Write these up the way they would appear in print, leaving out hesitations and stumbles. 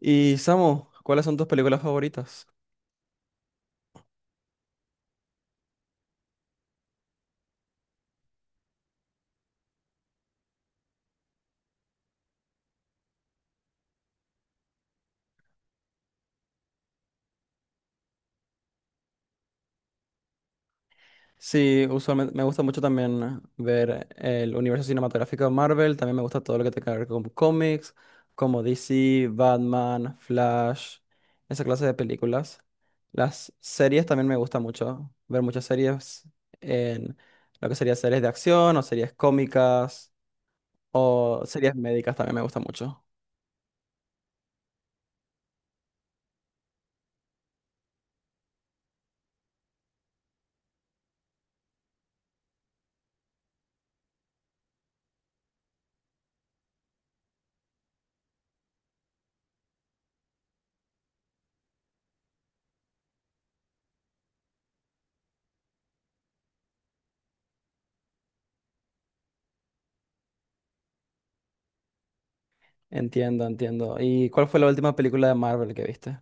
Y Samu, ¿cuáles son tus películas favoritas? Sí, usualmente me gusta mucho también ver el universo cinematográfico de Marvel, también me gusta todo lo que tenga que ver con cómics, como DC, Batman, Flash, esa clase de películas. Las series también me gusta mucho, ver muchas series en lo que sería series de acción o series cómicas o series médicas también me gusta mucho. Entiendo, entiendo. ¿Y cuál fue la última película de Marvel que viste?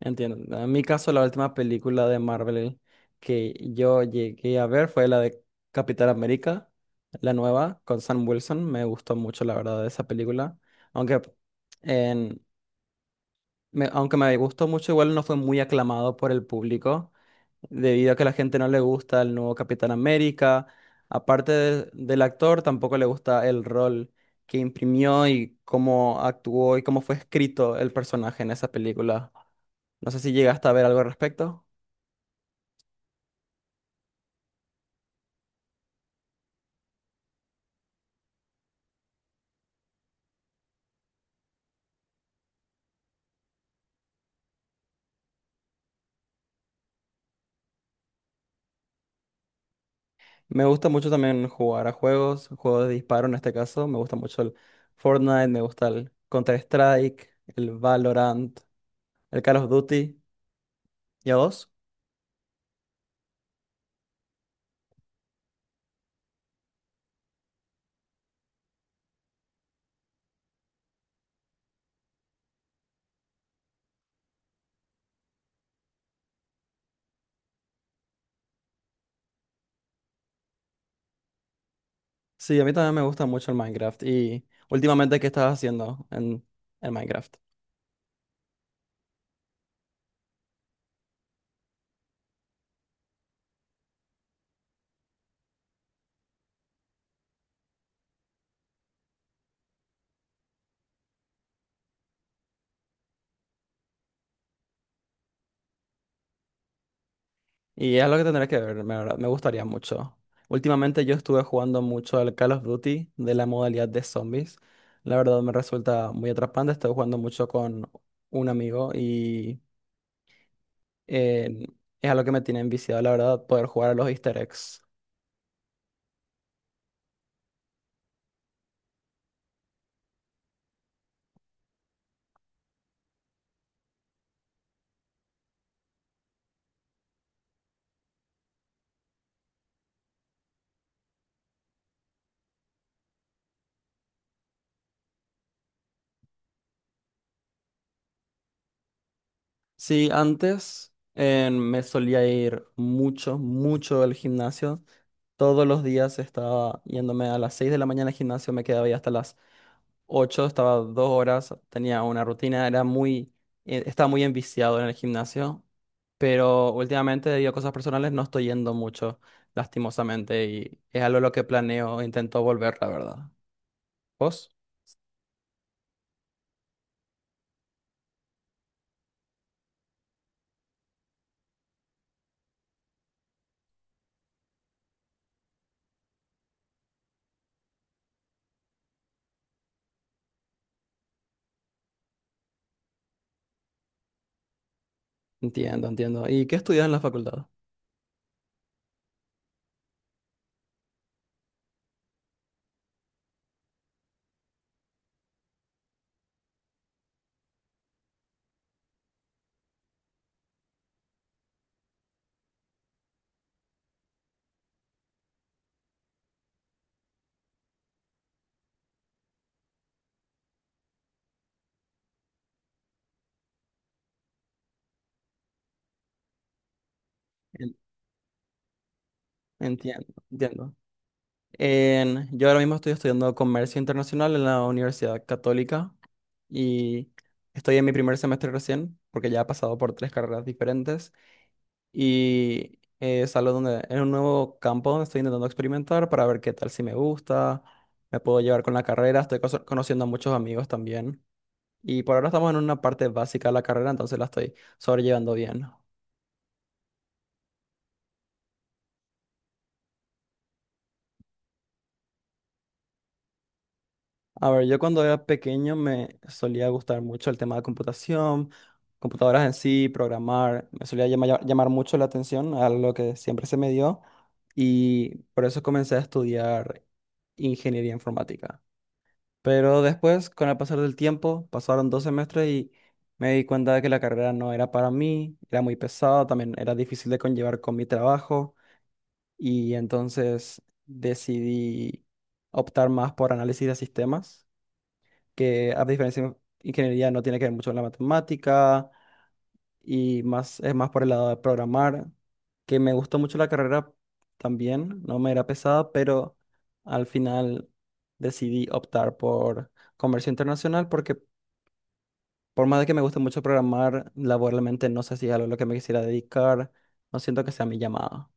Entiendo. En mi caso, la última película de Marvel que yo llegué a ver fue la de Capitán América, la nueva, con Sam Wilson. Me gustó mucho, la verdad, esa película. Aunque en, aunque me gustó mucho, igual no fue muy aclamado por el público, debido a que a la gente no le gusta el nuevo Capitán América. Del actor, tampoco le gusta el rol que imprimió y cómo actuó y cómo fue escrito el personaje en esa película. No sé si llegaste a ver algo al respecto. Me gusta mucho también jugar a juegos, juegos de disparo en este caso. Me gusta mucho el Fortnite, me gusta el Counter-Strike, el Valorant, el Call of Duty. ¿Y a vos? Sí, a mí también me gusta mucho el Minecraft. Y últimamente, ¿qué estás haciendo en el Minecraft? Y es lo que tendré que ver, la. Me gustaría mucho. Últimamente yo estuve jugando mucho al Call of Duty de la modalidad de zombies. La verdad me resulta muy atrapante. Estoy jugando mucho con un amigo y eh, es algo que me tiene enviciado, la verdad, poder jugar a los Easter eggs. Sí, antes me solía ir mucho al gimnasio. Todos los días estaba yéndome a las 6 de la mañana al gimnasio, me quedaba ahí hasta las 8, estaba dos horas, tenía una rutina, era estaba muy enviciado en el gimnasio, pero últimamente debido a cosas personales no estoy yendo mucho, lastimosamente, y es algo a lo que planeo, e intento volver, la verdad. ¿Vos? Entiendo, entiendo. ¿Y qué estudias en la facultad? En- Entiendo, entiendo. Yo ahora mismo estoy estudiando comercio internacional en la Universidad Católica y estoy en mi primer semestre recién, porque ya he pasado por tres carreras diferentes y es algo donde, es un nuevo campo donde estoy intentando experimentar para ver qué tal si me gusta, me puedo llevar con la carrera, estoy conociendo a muchos amigos también y por ahora estamos en una parte básica de la carrera, entonces la estoy sobrellevando bien. A ver, yo cuando era pequeño me solía gustar mucho el tema de computación, computadoras en sí, programar, me solía llamar mucho la atención a lo que siempre se me dio y por eso comencé a estudiar ingeniería informática. Pero después, con el pasar del tiempo, pasaron dos semestres y me di cuenta de que la carrera no era para mí, era muy pesada, también era difícil de conllevar con mi trabajo y entonces decidí optar más por análisis de sistemas que a diferencia de ingeniería no tiene que ver mucho con la matemática y más, es más por el lado de programar, que me gustó mucho la carrera también, no me era pesada, pero al final decidí optar por comercio internacional porque por más de que me guste mucho programar, laboralmente no sé si es algo a lo que me quisiera dedicar, no siento que sea mi llamada.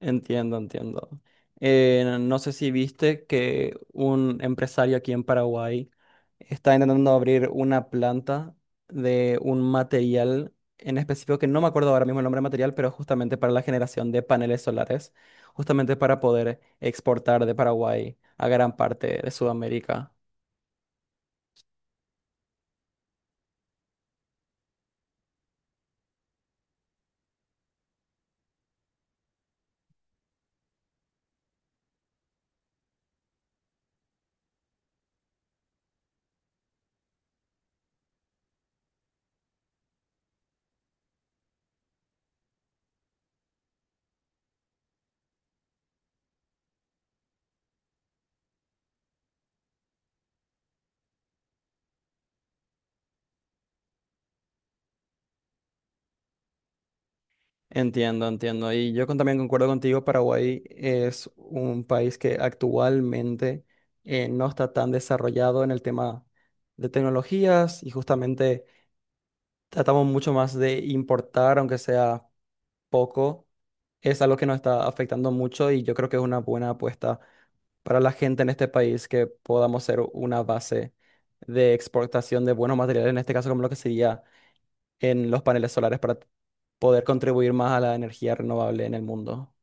Entiendo, entiendo. No sé si viste que un empresario aquí en Paraguay está intentando abrir una planta de un material en específico que no me acuerdo ahora mismo el nombre del material, pero justamente para la generación de paneles solares, justamente para poder exportar de Paraguay a gran parte de Sudamérica. Entiendo, entiendo. Y yo también concuerdo contigo, Paraguay es un país que actualmente no está tan desarrollado en el tema de tecnologías y justamente tratamos mucho más de importar, aunque sea poco. Es algo que nos está afectando mucho y yo creo que es una buena apuesta para la gente en este país que podamos ser una base de exportación de buenos materiales, en este caso como lo que sería en los paneles solares para poder contribuir más a la energía renovable en el mundo.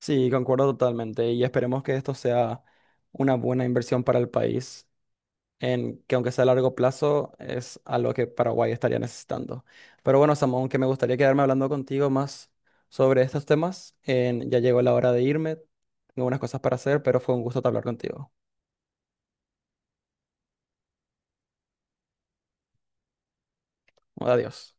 Sí, concuerdo totalmente y esperemos que esto sea una buena inversión para el país, en que aunque sea a largo plazo, es algo que Paraguay estaría necesitando. Pero bueno, Samuel, aunque me gustaría quedarme hablando contigo más sobre estos temas, ya llegó la hora de irme, tengo unas cosas para hacer, pero fue un gusto hablar contigo. Adiós.